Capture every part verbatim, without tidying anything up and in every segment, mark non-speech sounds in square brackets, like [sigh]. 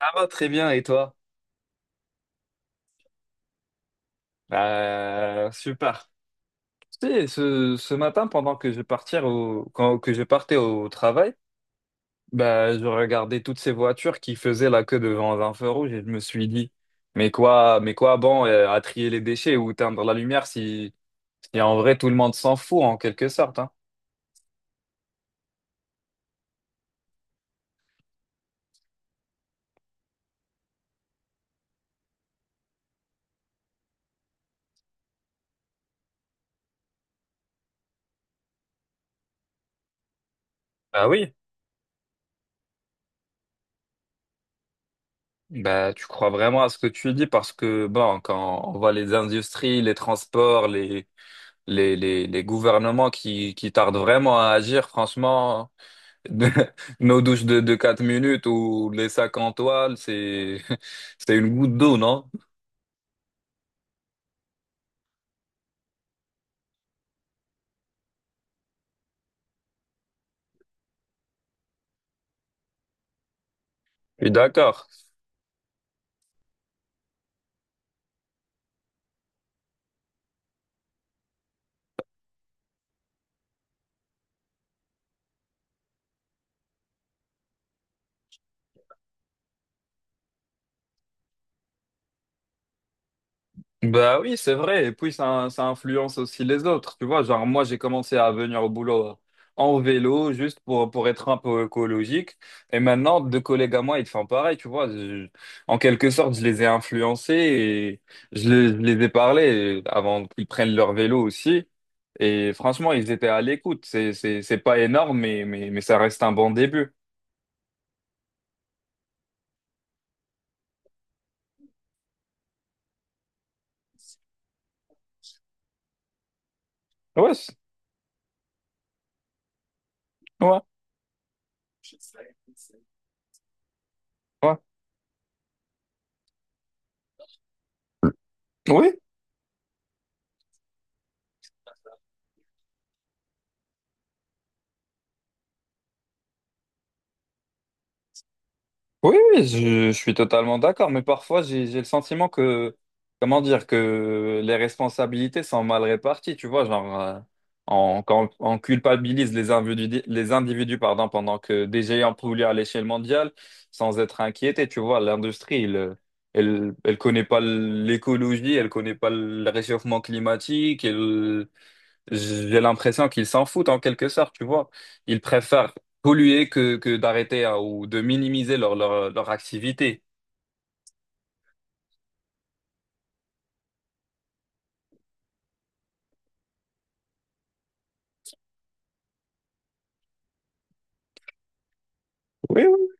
Ça va très bien, et toi? Euh, super. Tu sais, ce, ce matin, pendant que je partais au, quand, que je partais au travail, bah, je regardais toutes ces voitures qui faisaient la queue devant un feu rouge et je me suis dit, mais quoi, mais quoi bon euh, à trier les déchets ou teindre la lumière si, si en vrai tout le monde s'en fout en quelque sorte, hein. Bah oui. Bah, tu crois vraiment à ce que tu dis parce que, bon, quand on voit les industries, les transports, les, les, les, les gouvernements qui, qui tardent vraiment à agir, franchement. de- [laughs] Nos douches de, de quatre minutes ou les sacs en toile, c'est, [laughs] c'est une goutte d'eau, non? Je suis d'accord. Bah oui, c'est vrai. Et puis, ça, ça influence aussi les autres. Tu vois, genre, moi, j'ai commencé à venir au boulot euh, en vélo, juste pour, pour être un peu écologique. Et maintenant, deux collègues à moi, ils font pareil. Tu vois. Je- en quelque sorte, je les ai influencés et je les, je les ai parlé avant qu'ils prennent leur vélo aussi. Et franchement, ils étaient à l'écoute. C'est, c'est, c'est pas énorme, mais, mais, mais ça reste un bon début. Ouais, c'est- ouais, ouais. Oui, oui, oui, je, je suis totalement d'accord, mais parfois j'ai j'ai le sentiment que, comment dire, que les responsabilités sont mal réparties, tu vois, genre, euh, on, quand on culpabilise les individus, les individus, pardon, pendant que des géants polluent à l'échelle mondiale sans être inquiétés, tu vois, l'industrie, elle, elle, elle connaît pas l'écologie, elle connaît pas le réchauffement climatique, elle, j'ai l'impression qu'ils s'en foutent en quelque sorte, tu vois. Ils préfèrent polluer que, que d'arrêter hein, ou de minimiser leur, leur, leur activité. Oui, oui.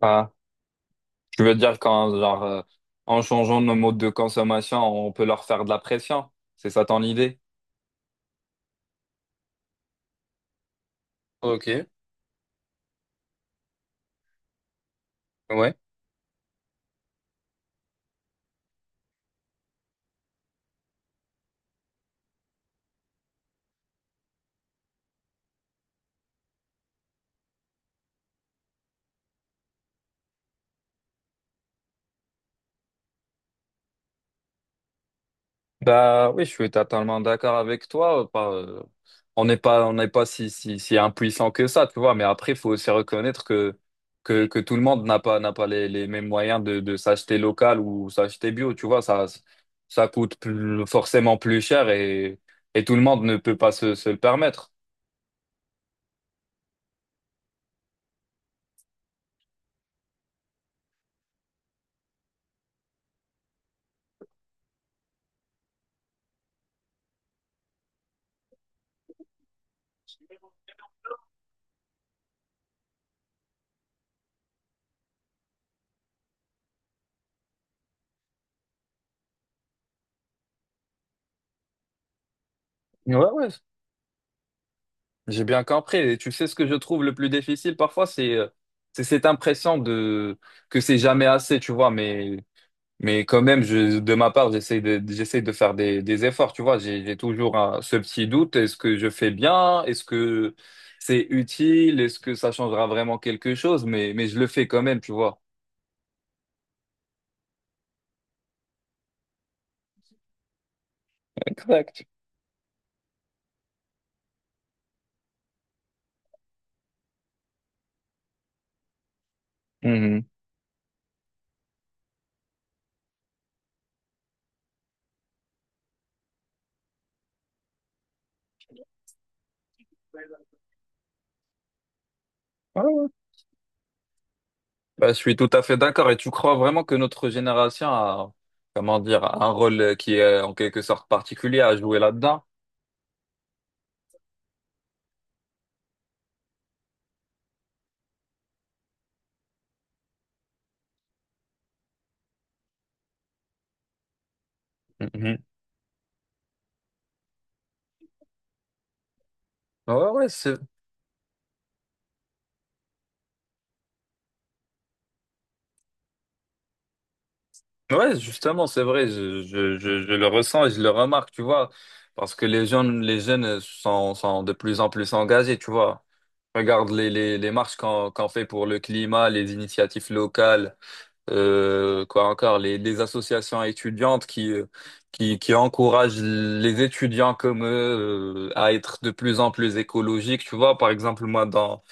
Ah, je veux dire qu'en genre, euh, en changeant nos modes de consommation, on peut leur faire de la pression. C'est ça ton idée? Ok, ouais. Bah oui, je suis totalement d'accord avec toi. on n'est pas, on n'est pas si, si, si impuissant que ça, tu vois. Mais après, il faut aussi reconnaître que, que, que tout le monde n'a pas, n'a pas les, les mêmes moyens de, de s'acheter local ou s'acheter bio, tu vois. Ça, ça coûte plus- forcément plus cher et, et tout le monde ne peut pas se, se le permettre. Ouais, ouais, j'ai bien compris. Et tu sais, ce que je trouve le plus difficile parfois, c'est, euh, c'est cette impression de, que c'est jamais assez, tu vois. Mais Mais quand même, je, de ma part, j'essaie de, j'essaie de faire des, des efforts, tu vois. J'ai, j'ai toujours un- ce petit doute. Est-ce que je fais bien? Est-ce que c'est utile? Est-ce que ça changera vraiment quelque chose? Mais, mais je le fais quand même, tu vois. Exact. Mhm. Ouais, ouais. Bah, je suis tout à fait d'accord. Et tu crois vraiment que notre génération a, comment dire, un rôle qui est en quelque sorte particulier à jouer là-dedans? Mhm. Ouais, ouais, c'est ouais, justement, c'est vrai, je, je, je, je le ressens et je le remarque, tu vois, parce que les jeunes, les jeunes sont, sont de plus en plus engagés, tu vois. Regarde les, les, les marches qu'on qu'on fait pour le climat, les initiatives locales, euh, quoi encore, les, les associations étudiantes qui, euh, qui, qui encouragent les étudiants comme eux, euh, à être de plus en plus écologiques, tu vois. Par exemple, moi, dans,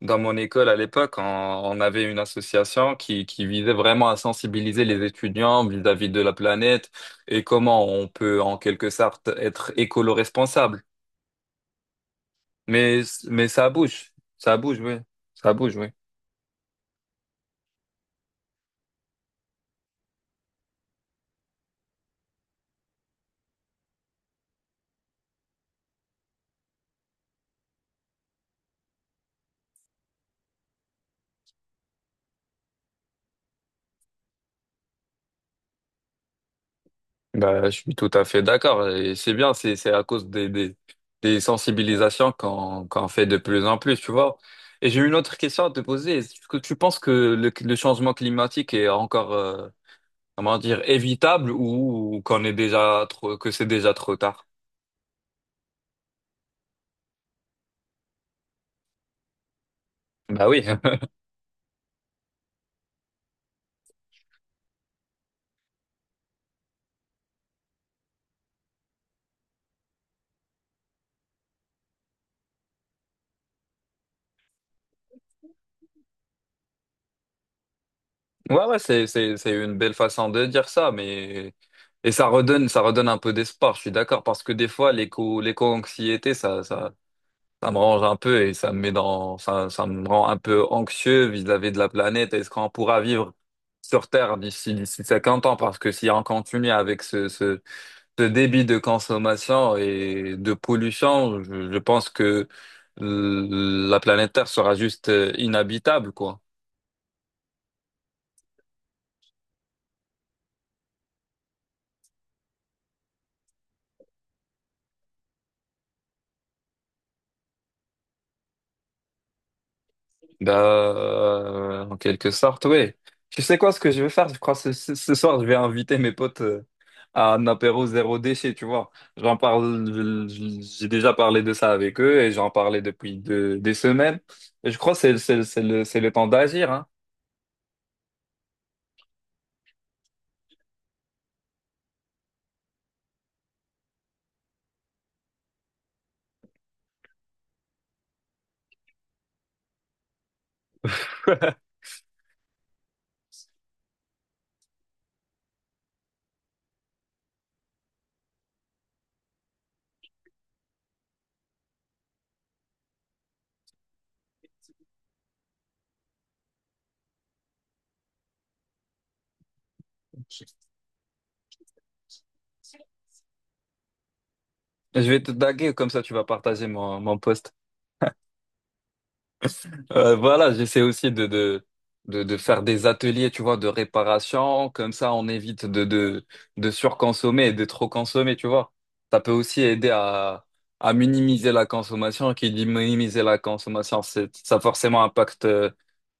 dans mon école à l'époque, on, on avait une association qui, qui visait vraiment à sensibiliser les étudiants vis-à-vis de la planète et comment on peut en quelque sorte être écolo-responsable. Mais, mais ça bouge, ça bouge, oui, ça bouge, oui. Bah, je suis tout à fait d'accord et c'est bien, c'est, c'est à cause des, des, des sensibilisations qu'on, qu'on fait de plus en plus, tu vois. Et j'ai une autre question à te poser. Est-ce que tu penses que le, le changement climatique est encore euh, comment dire, évitable ou, ou qu'on est déjà trop, que c'est déjà trop tard. Bah oui. [laughs] Ouais, ouais, c'est, c'est, c'est une belle façon de dire ça, mais, et ça redonne, ça redonne un peu d'espoir, je suis d'accord, parce que des fois, l'éco, l'éco-anxiété, ça, ça, ça me range un peu et ça me met dans, ça, ça me rend un peu anxieux vis-à-vis de la planète. Est-ce qu'on pourra vivre sur Terre d'ici, d'ici cinquante ans? Parce que si on continue avec ce, ce, ce débit de consommation et de pollution, je, je pense que l- la planète Terre sera juste euh, inhabitable, quoi. Bah, euh, en quelque sorte, oui. Tu sais quoi, ce que je vais faire, je crois, ce, ce- ce soir, je vais inviter mes potes euh, à un apéro zéro déchet, tu vois. J'en parle, je- j'ai déjà parlé de ça avec eux et j'en parlais depuis de- des semaines. Et je crois que c'est, c'est, c'est le, c'est le temps d'agir, hein. [laughs] Je vais te taguer, comme ça tu vas partager mon, mon post. Euh, voilà, j'essaie aussi de, de, de, de faire des ateliers, tu vois, de réparation. Comme ça, on évite de, de, de surconsommer et de trop consommer, tu vois. Ça peut aussi aider à, à minimiser la consommation. Qui dit minimiser la consommation, c'est, ça forcément impacte euh,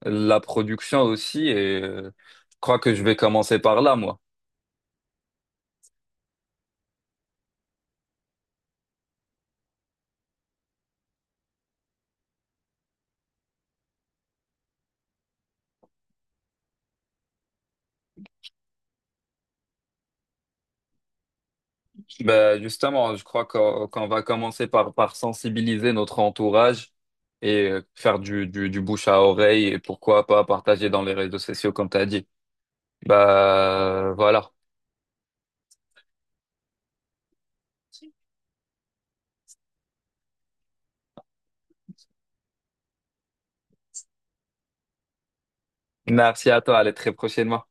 la production aussi. Et euh, je crois que je vais commencer par là, moi. Ben justement, je crois qu'on qu'on va commencer par, par sensibiliser notre entourage et euh, faire du, du, du bouche à oreille et pourquoi pas partager dans les réseaux sociaux comme tu as dit. Bah voilà. Merci à toi, à la très prochainement.